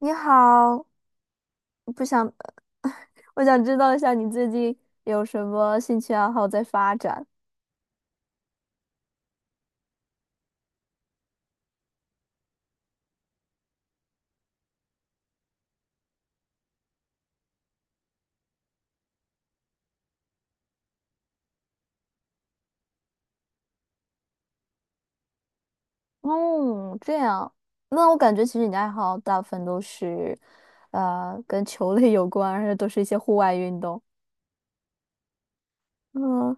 你好，不想，我想知道一下你最近有什么兴趣爱好在发展。嗯，这样，那我感觉其实你的爱好大部分都是，跟球类有关，而且都是一些户外运动。嗯，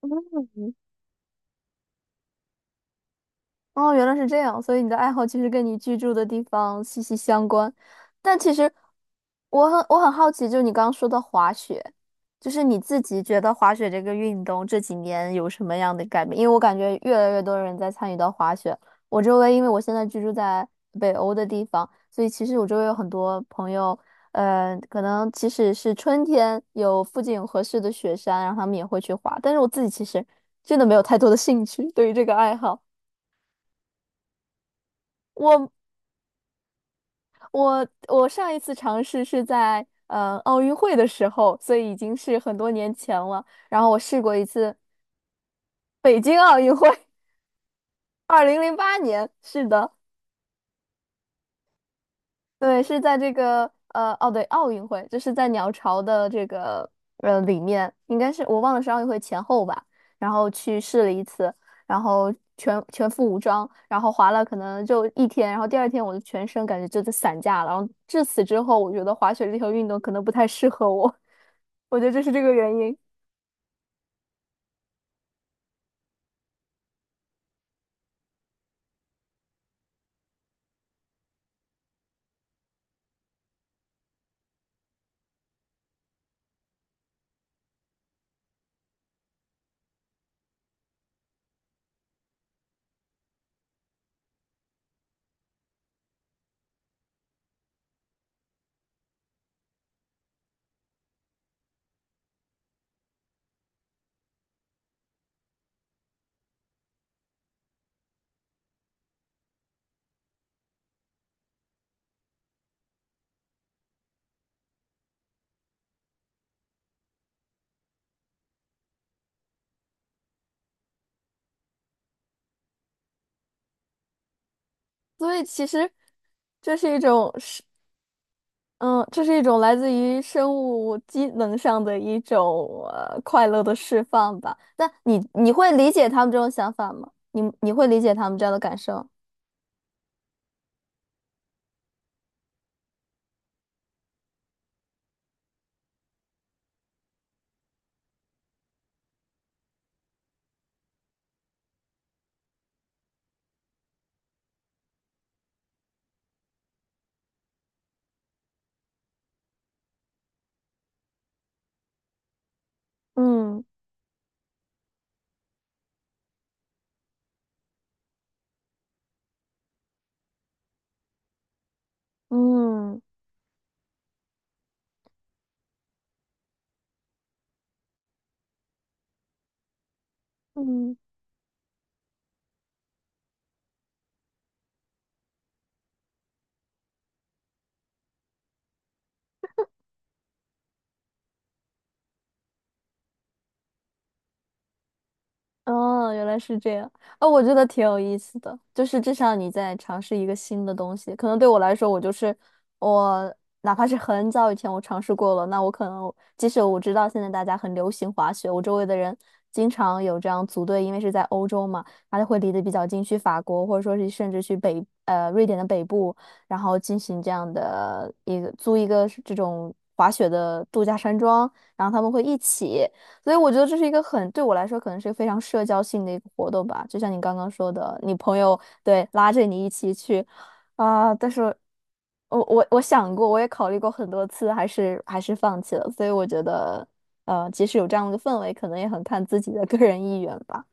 嗯哦，原来是这样，所以你的爱好其实跟你居住的地方息息相关。但其实我很好奇，就是你刚刚说的滑雪，就是你自己觉得滑雪这个运动这几年有什么样的改变？因为我感觉越来越多人在参与到滑雪。我周围，因为我现在居住在北欧的地方，所以其实我周围有很多朋友，可能即使是春天有附近有合适的雪山，然后他们也会去滑。但是我自己其实真的没有太多的兴趣对于这个爱好。我我上一次尝试是在奥运会的时候，所以已经是很多年前了。然后我试过一次北京奥运会，2008年，是的。对，是在这个哦对，奥运会就是在鸟巢的这个里面，应该是我忘了是奥运会前后吧，然后去试了一次，然后全副武装，然后滑了可能就一天，然后第二天我的全身感觉就在散架了，然后至此之后，我觉得滑雪这项运动可能不太适合我，我觉得这是这个原因，所以其实这是一种是。嗯，这是一种来自于生物机能上的一种快乐的释放吧。那你会理解他们这种想法吗？你会理解他们这样的感受？嗯嗯嗯。哦，原来是这样。哦，我觉得挺有意思的，就是至少你在尝试一个新的东西。可能对我来说，我就是我，哪怕是很早以前我尝试过了，那我可能即使我知道现在大家很流行滑雪，我周围的人经常有这样组队，因为是在欧洲嘛，他就会离得比较近，去法国或者说是甚至去瑞典的北部，然后进行这样的一个租一个这种滑雪的度假山庄，然后他们会一起。所以我觉得这是一个很，对我来说可能是一个非常社交性的一个活动吧，就像你刚刚说的，你朋友拉着你一起去啊、但是我想过，我也考虑过很多次，还是放弃了。所以我觉得，即使有这样的氛围，可能也很看自己的个人意愿吧。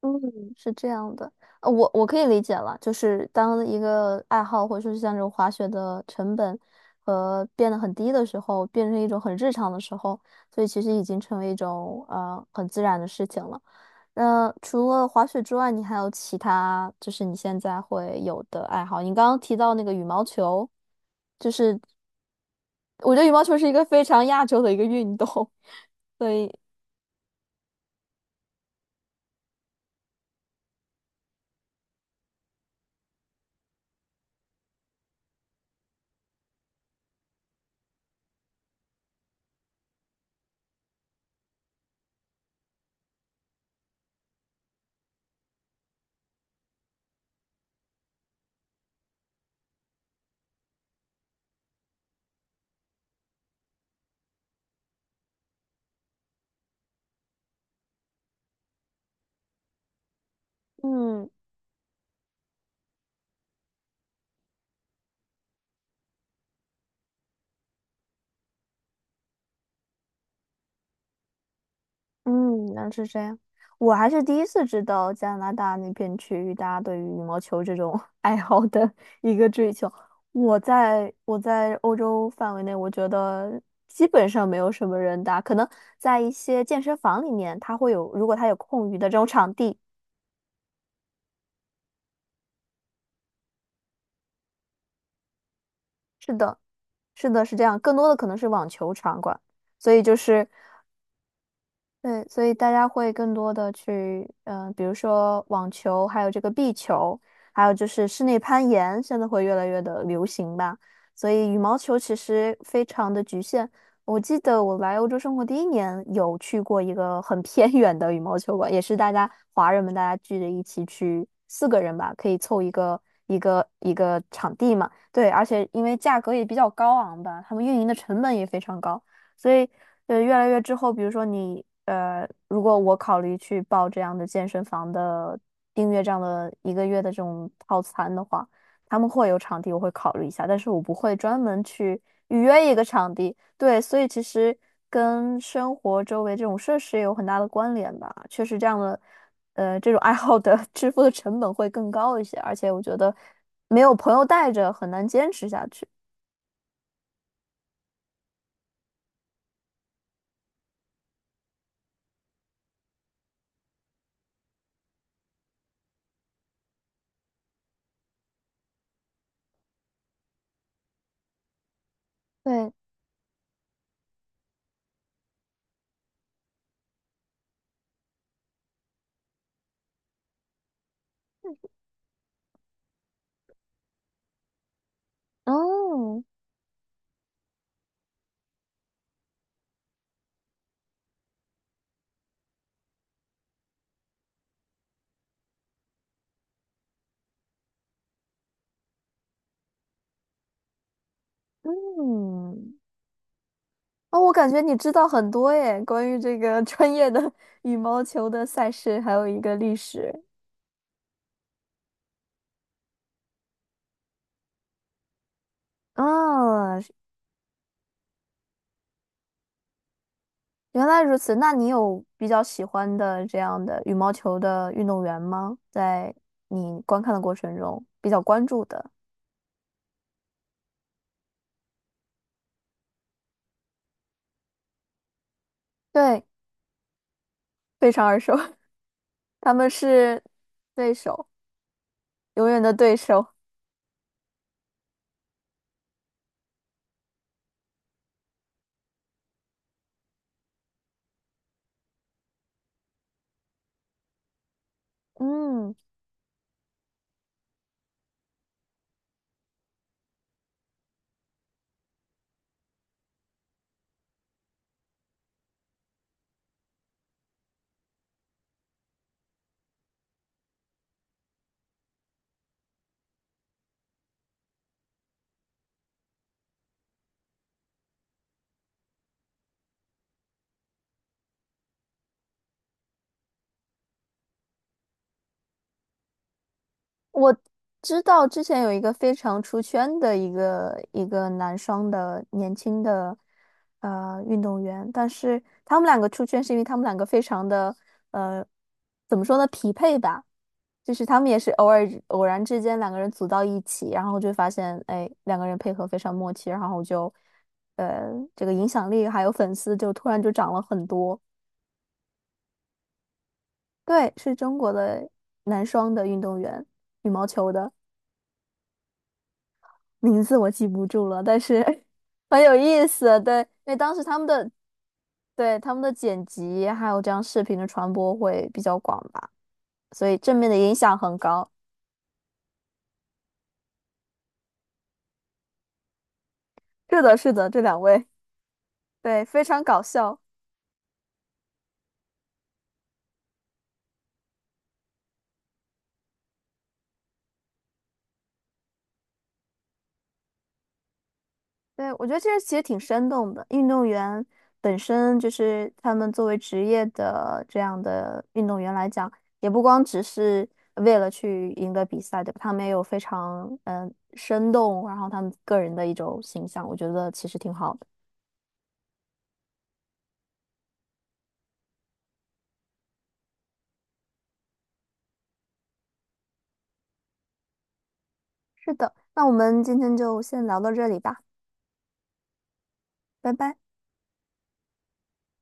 嗯，是这样的，我可以理解了，就是当一个爱好或者说是像这种滑雪的成本和变得很低的时候，变成一种很日常的时候，所以其实已经成为一种很自然的事情了。那除了滑雪之外，你还有其他就是你现在会有的爱好？你刚刚提到那个羽毛球，就是我觉得羽毛球是一个非常亚洲的一个运动，所以。嗯。嗯，那是这样。我还是第一次知道加拿大那片区域大家对于羽毛球这种 爱好的一个追求。我在欧洲范围内，我觉得基本上没有什么人打，可能在一些健身房里面，它会有，如果它有空余的这种场地，是的，是的，是这样。更多的可能是网球场馆，所以就是。对，所以大家会更多的去，嗯，比如说网球，还有这个壁球，还有就是室内攀岩，现在会越来越的流行吧。所以羽毛球其实非常的局限。我记得我来欧洲生活第一年，有去过一个很偏 远的羽毛球馆，也是大家华人们大家聚着一起去，四个人吧，可以凑一个场地嘛。对，而且因为价格也比较高昂吧，他们运营的成本也非常高。所以对，越来越之后，比如说你如果我考虑去报这样的健身房的订阅这样的一个月的这种套餐的话，他们会有场地，我会考虑一下，但是我不会专门去预约一个场地。对，所以其实跟生活周围这种设施也有很大的关联吧。确实，这样的这种爱好的 支付的成本会更高一些，而且我觉得没有朋友带着很难坚持下去。对，哦，嗯。哦，我感觉你知道很多耶，关于这个 专业的 羽毛球的赛事，还有一个历史。啊，原来如此。那你有比较喜欢的这样的羽毛球的运动员吗？在你观看的过程中，比较关注的？对，非常耳熟，他们是对手，永远的对手。嗯。我知道之前有一个非常出圈的一个男双的年轻的运动员，但是他们两个出圈是因为他们两个非常的呃怎么说呢匹配吧，就是他们也是偶尔偶然之间两个人组到一起，然后就发现哎两个人配合非常默契，然后就呃这个影响力还有粉丝就突然就涨了很多。对，是中国的男双的运动员，羽毛球的。名字我记不住了，但是 很有意思。对，因为当时他们的剪辑还有这样视频的传播会比较广吧，所以正面的影响很高。是的，是的，这两位。对，非常搞笑。对，我觉得这个其实挺生动的。运动员本身就是他们作为职业的这样的运动员来讲，也不光只是为了去赢得比赛，对吧？他们也有非常生动，然后他们个人的一种形象，我觉得其实挺好的。是的，那我们今天就先聊到这里吧，拜拜。